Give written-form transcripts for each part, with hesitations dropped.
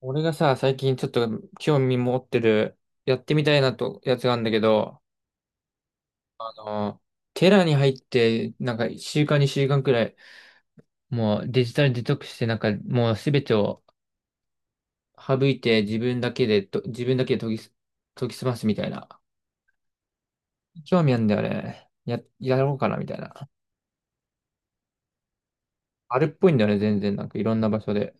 俺がさ、最近ちょっと興味持ってる、やってみたいなと、やつがあるんだけど、あの、テラに入って、なんか週間に週間くらい、もうデジタルデトックスして、なんかもうすべてを省いて自分だけで研ぎ澄ますみたいな。興味あるんだよね。やろうかなみたいな。あれっぽいんだよね、全然。なんかいろんな場所で。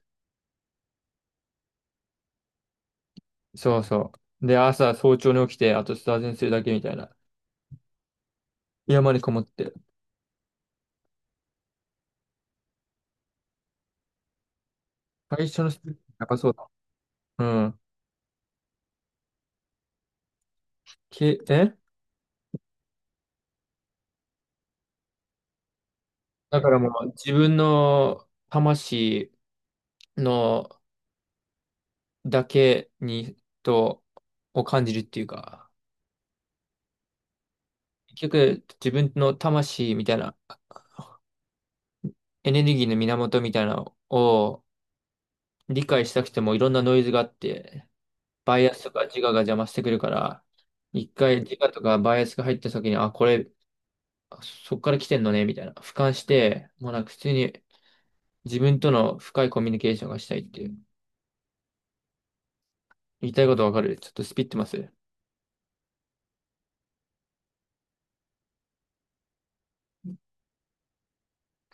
そうそう。で、朝早朝に起きて、あとスターゼンするだけみたいな。山にこもって。最初のステップ、やっぱそうだ。うん。け、えだからもう自分の魂のだけにとを感じるっていうか、結局自分の魂みたいなエネルギーの源みたいなのを理解したくてもいろんなノイズがあって、バイアスとか自我が邪魔してくるから、一回自我とかバイアスが入った時に、あ、これ、そっから来てんのね、みたいな。俯瞰して、もうなんか普通に自分との深いコミュニケーションがしたいっていう。言いたいことわかる、ちょっとスピってます。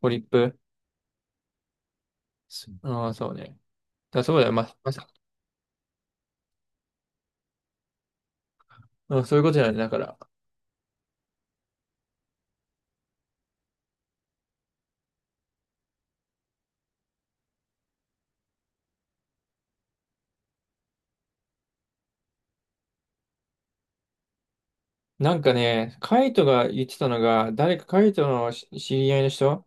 ポリップ。ああ、そうね。そうだよ。ま、まさ、うん、そういうことだよね。だから。なんかね、カイトが言ってたのが、誰かカイトの知り合いの人、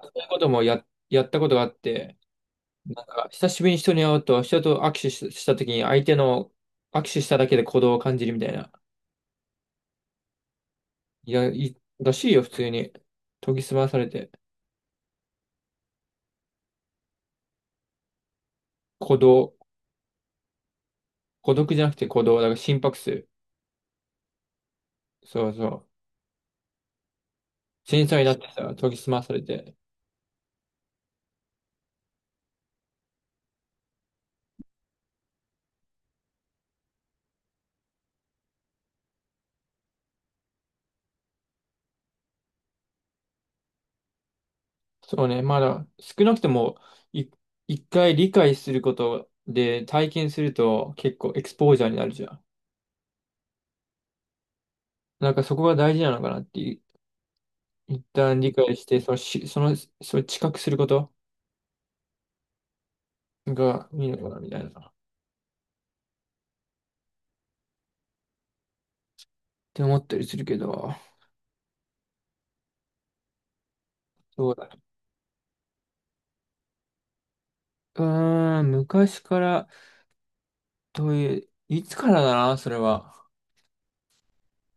そういうこともやったことがあって、あ、久しぶりに人に会うと、人と握手したときに、相手の握手しただけで鼓動を感じるみたいな。いや、らしいよ、普通に。研ぎ澄まされて。鼓動。孤独じゃなくて鼓動。だから心拍数。そうそう。繊細になってさ、研ぎ澄まされて。そうね、まだ少なくともい一回理解することで体験すると結構エクスポージャーになるじゃん。なんかそこが大事なのかなっていう、一旦理解して、そのし、その、それ知覚することがいいのかなみたいな。って思ったりするけど、そうだね。うーん、昔から、どういう、いつからだな、それは。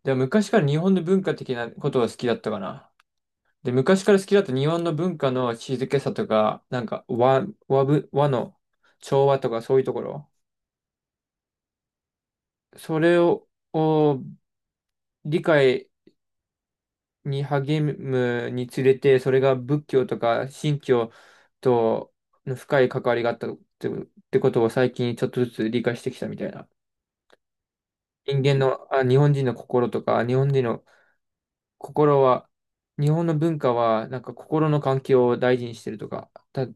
でも昔から日本の文化的なことが好きだったかな。で、昔から好きだった日本の文化の静けさとか、なんか和の調和とかそういうところ、それを理解に励むにつれて、それが仏教とか神教との深い関わりがあったってことを最近ちょっとずつ理解してきたみたいな。人間の、あ、日本人の心とか、日本人の心は、日本の文化は、なんか心の環境を大事にしてるとか、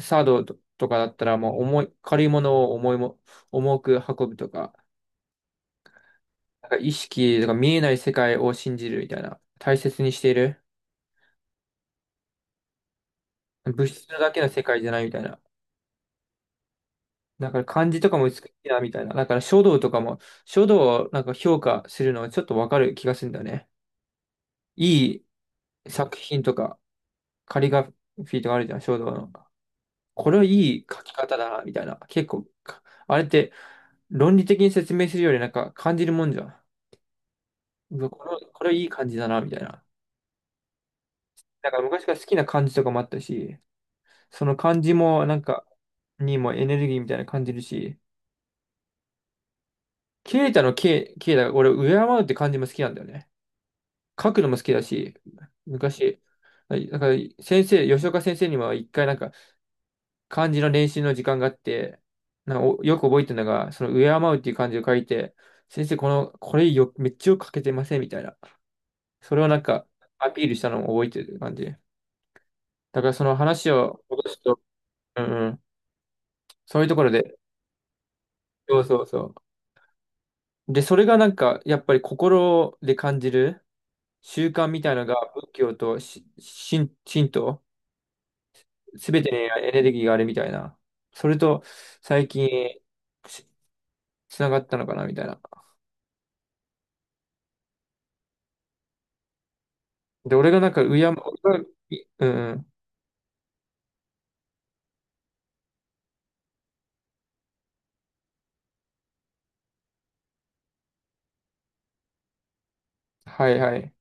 サードとかだったら、もう重い、軽いものを重いも、重く運ぶとか、なんか意識とか見えない世界を信じるみたいな、大切にしている。物質だけの世界じゃないみたいな。だから漢字とかも美しいなみたいな。だから書道をなんか評価するのはちょっとわかる気がするんだよね。いい作品とか、カリグラフィーとかあるじゃん、書道の。これはいい書き方だな、みたいな。結構、あれって論理的に説明するよりなんか感じるもんじゃん。うわ、これいい感じだな、みたいな。なんか昔から好きな感じとかもあったし、その感じもなんか、にもエネルギーみたいな感じるし、ケイタが俺、敬うって感じも好きなんだよね。書くのも好きだし、昔、はい、だから吉岡先生にも一回なんか、漢字の練習の時間があって、なんかよく覚えてるのが、その敬うっていう漢字を書いて、先生、この、これよ、めっちゃよく書けてませんみたいな。それをなんかアピールしたのを覚えてる感じ。だからその話を戻すと、うんうん、そういうところで、そうそうそう。で、それがなんか、やっぱり心で感じる習慣みたいなのが、仏教と神道、すべてにエネルギーがあるみたいな。それと、最近、つながったのかなみたいな。で、俺がなんか、うやま、俺がいうん、うん、はいはい。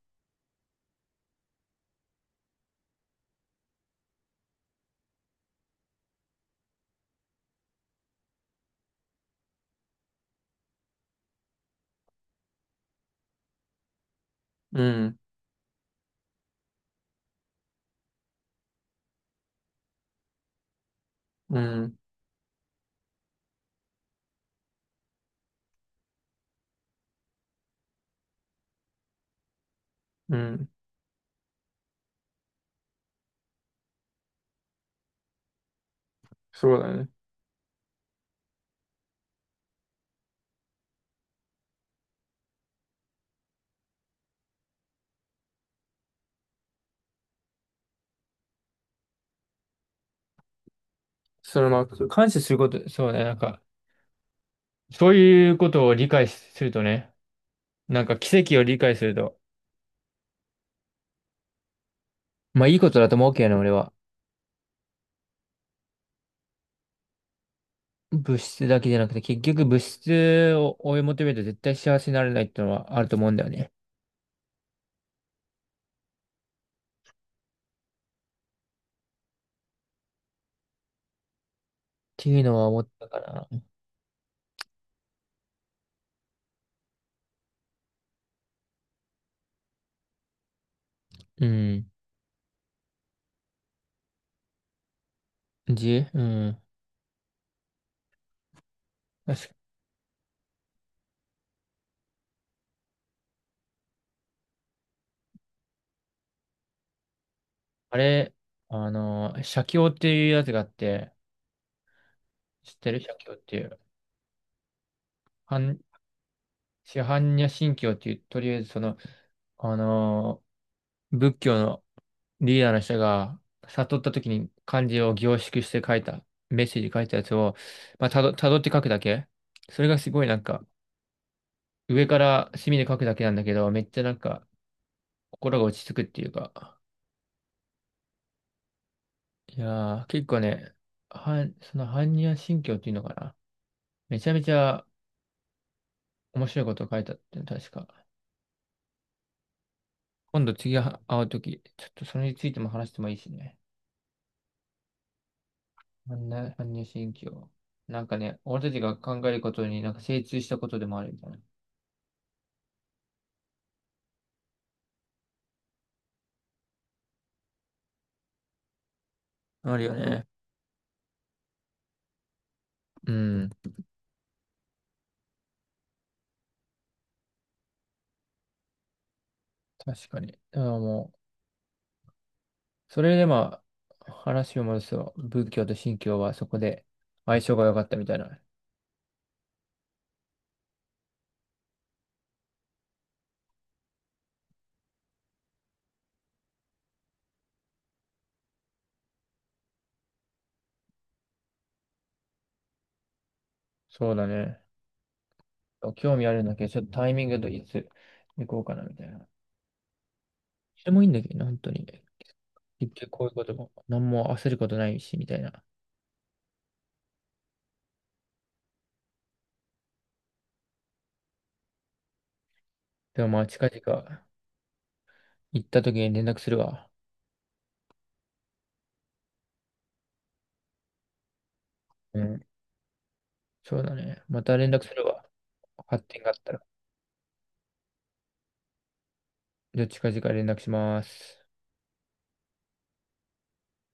うん、うん、うん、そうだね。そのまあ、感謝すること、そうね、なんか、そういうことを理解するとね、なんか奇跡を理解すると、まあいいことだと思うけどね、俺は。物質だけじゃなくて、結局物質を追い求めると絶対幸せになれないっていうのはあると思うんだよね。っていうのは思ったから。うん。うん。確か、あれ、写経っていうやつがあって、知ってる、写経っていう。あんシハンニャ神教っていう、とりあえずその、あの仏教のリーダーの人が悟った時に漢字を凝縮して書いた、メッセージ書いたやつを、まあ、たどって書くだけ。それがすごいなんか、上から墨で書くだけなんだけど、めっちゃなんか、心が落ち着くっていうか。いやー、結構ね、その般若心経っていうのかな。めちゃめちゃ面白いことを書いたって、確か。今度次会う時ちょっとそれについても話してもいいしね。般若心経。なんかね、俺たちが考えることになんか精通したことでもあるみたいな。あるよね。うん。確かに。だからもう、それでまあ、話を戻すと、仏教と神教はそこで相性が良かったみたいな。そうだね。興味あるんだけど、ちょっとタイミングといつ行こうかなみたいな。でもいいんだけどね、本当に。結局こういうことも、何も焦ることないし、みたいな。でもまあ、近々行った時に連絡するわ。うん。そうだね。また連絡するわ。発展があったら。じゃあ近々連絡します。